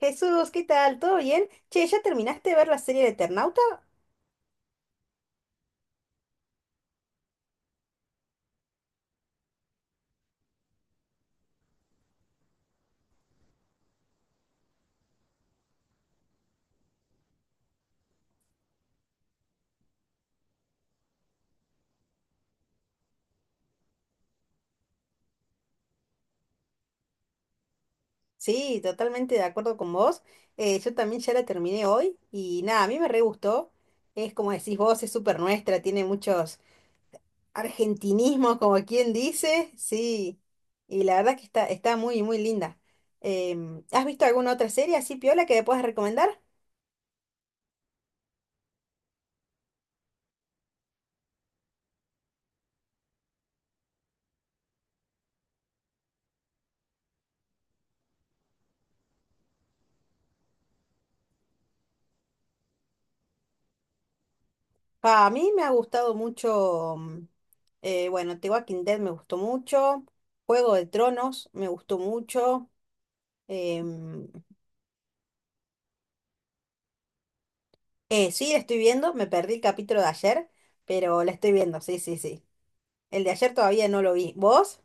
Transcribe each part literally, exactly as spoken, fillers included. Jesús, ¿qué tal? ¿Todo bien? Che, ¿ya terminaste de ver la serie de Eternauta? Sí, totalmente de acuerdo con vos. Eh, yo también ya la terminé hoy y nada, a mí me re gustó. Es como decís vos, es súper nuestra, tiene muchos argentinismos, como quien dice. Sí, y la verdad que está, está muy, muy linda. Em, ¿has visto alguna otra serie así, Piola, que me puedas recomendar? Pa, a mí me ha gustado mucho, mm, eh, bueno, The Walking Dead me gustó mucho, Juego de Tronos me gustó mucho. Em, eh, sí, la estoy viendo, me perdí el capítulo de ayer, pero la estoy viendo, sí, sí, sí. El de ayer todavía no lo vi. ¿Vos?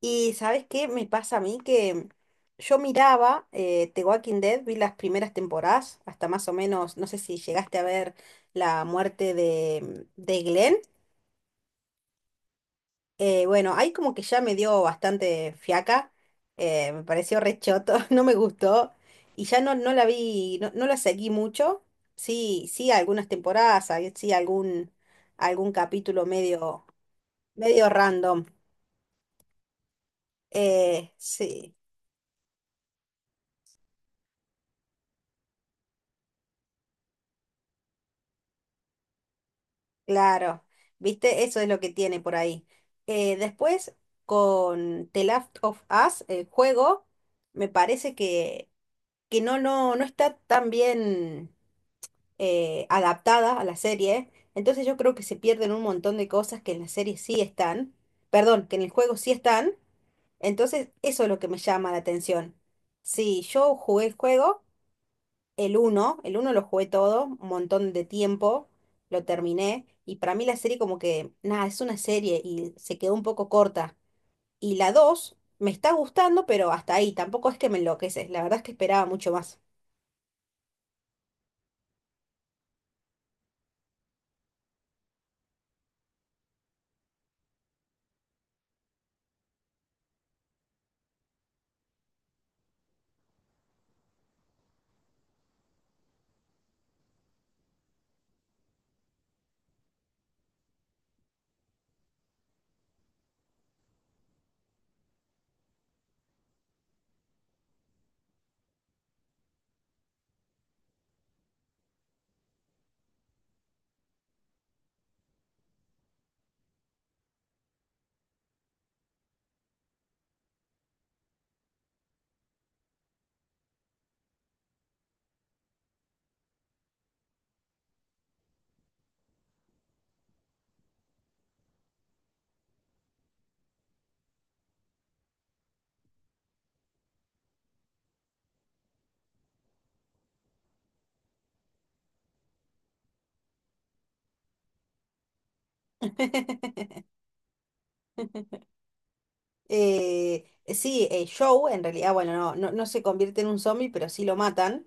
Y ¿sabes qué me pasa a mí? Que yo miraba eh, The Walking Dead, vi las primeras temporadas, hasta más o menos, no sé si llegaste a ver la muerte de, de Glenn. Eh, bueno, ahí como que ya me dio bastante fiaca, eh, me pareció re choto, no me gustó y ya no, no la vi, no, no la seguí mucho, sí, sí algunas temporadas, ahí sí algún, algún capítulo medio, medio random, eh, sí, claro, viste, eso es lo que tiene por ahí. Eh, después con The Last of Us, el juego, me parece que, que no, no, no está tan bien eh, adaptada a la serie. Entonces yo creo que se pierden un montón de cosas que en la serie sí están, perdón, que en el juego sí están. Entonces eso es lo que me llama la atención. Sí, yo jugué el juego, el uno, el uno lo jugué todo, un montón de tiempo, lo terminé. Y para mí la serie como que, nada, es una serie y se quedó un poco corta. Y la dos me está gustando, pero hasta ahí, tampoco es que me enloquece. La verdad es que esperaba mucho más. Eh, sí, eh, Joe, en realidad, bueno, no, no, no se convierte en un zombie, pero sí lo matan.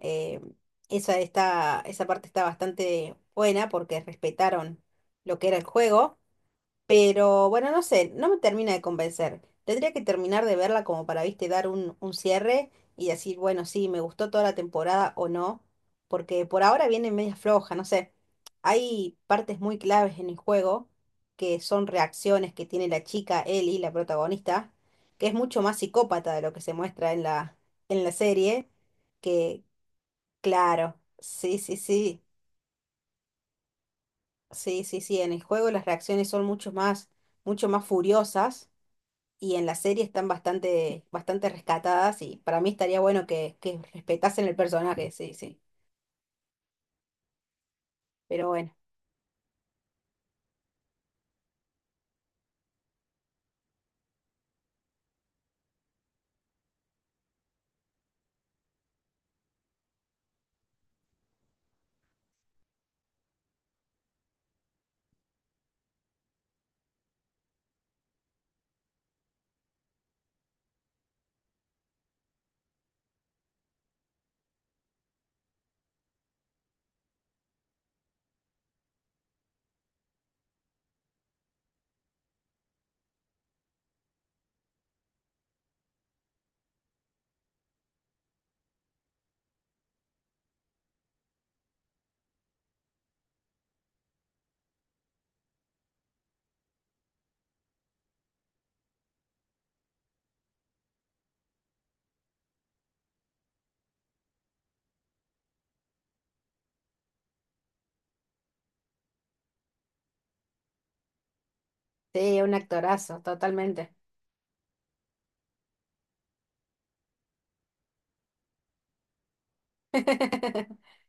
Eh, esa, Está, esa parte está bastante buena porque respetaron lo que era el juego. Pero bueno, no sé, no me termina de convencer. Tendría que terminar de verla como para, viste, dar un, un cierre y decir, bueno, sí, me gustó toda la temporada o no, porque por ahora viene media floja, no sé. Hay partes muy claves en el juego que son reacciones que tiene la chica Ellie, la protagonista, que es mucho más psicópata de lo que se muestra en la, en la serie, que claro, sí, sí, sí, sí, sí, sí, en el juego las reacciones son mucho más, mucho más furiosas y en la serie están bastante, bastante rescatadas y para mí estaría bueno que, que respetasen el personaje, sí, sí. Pero bueno, sí, un actorazo, totalmente.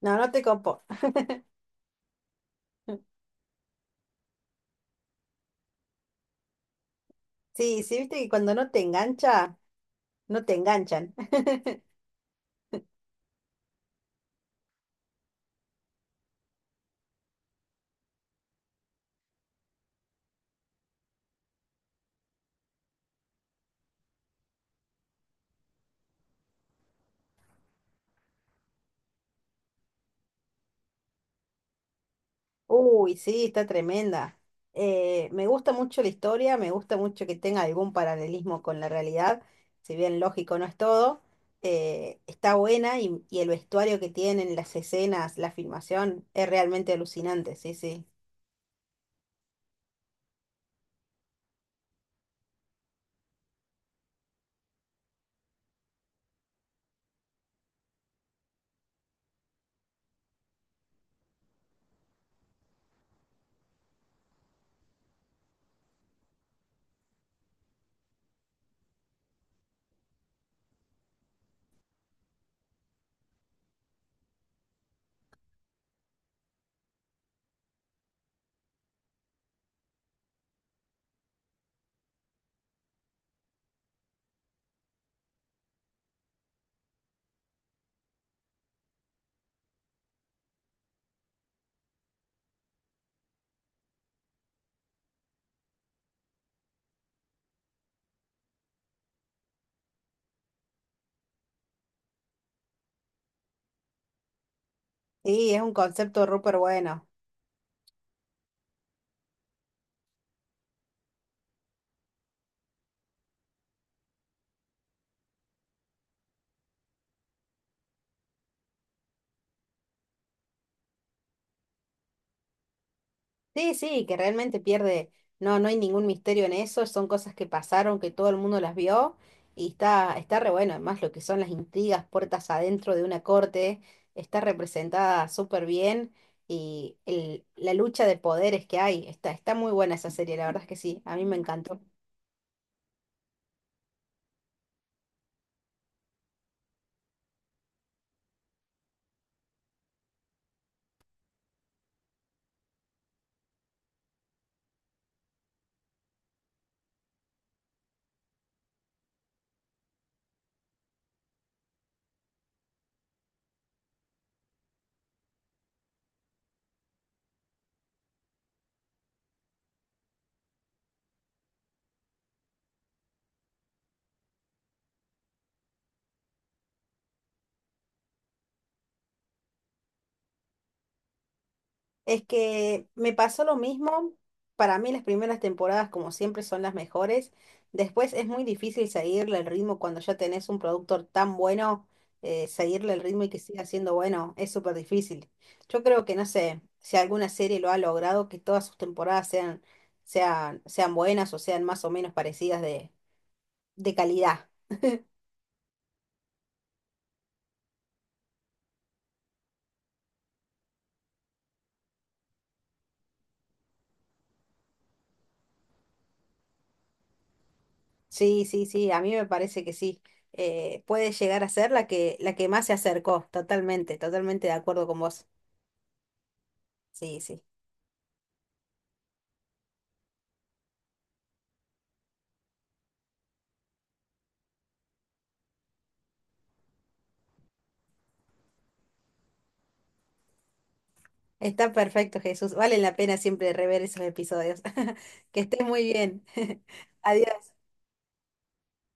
No, no te copo. Sí, sí, viste que cuando no te engancha, no te enganchan. Uy, sí, está tremenda. Eh, me gusta mucho la historia, me gusta mucho que tenga algún paralelismo con la realidad, si bien lógico no es todo. Eh, está buena y, y el vestuario que tienen, las escenas, la filmación, es realmente alucinante, sí, sí. Sí, es un concepto súper bueno. Sí, sí, que realmente pierde, no, no hay ningún misterio en eso, son cosas que pasaron, que todo el mundo las vio y está, está re bueno, además lo que son las intrigas, puertas adentro de una corte, está representada súper bien y el- la lucha de poderes que hay, está, está muy buena esa serie, la verdad es que sí, a mí me encantó. Es que me pasó lo mismo. Para mí las primeras temporadas, como siempre, son las mejores. Después es muy difícil seguirle el ritmo cuando ya tenés un productor tan bueno, eh, seguirle el ritmo y que siga siendo bueno, es súper difícil. Yo creo que, no sé, si alguna serie lo ha logrado, que todas sus temporadas sean, sean, sean buenas o sean más o menos parecidas de, de calidad. Sí, sí, sí, a mí me parece que sí. Eh, puede llegar a ser la que, la que más se acercó, totalmente, totalmente de acuerdo con vos. Sí, sí. Está perfecto, Jesús. Vale la pena siempre rever esos episodios. Que estés muy bien. Adiós.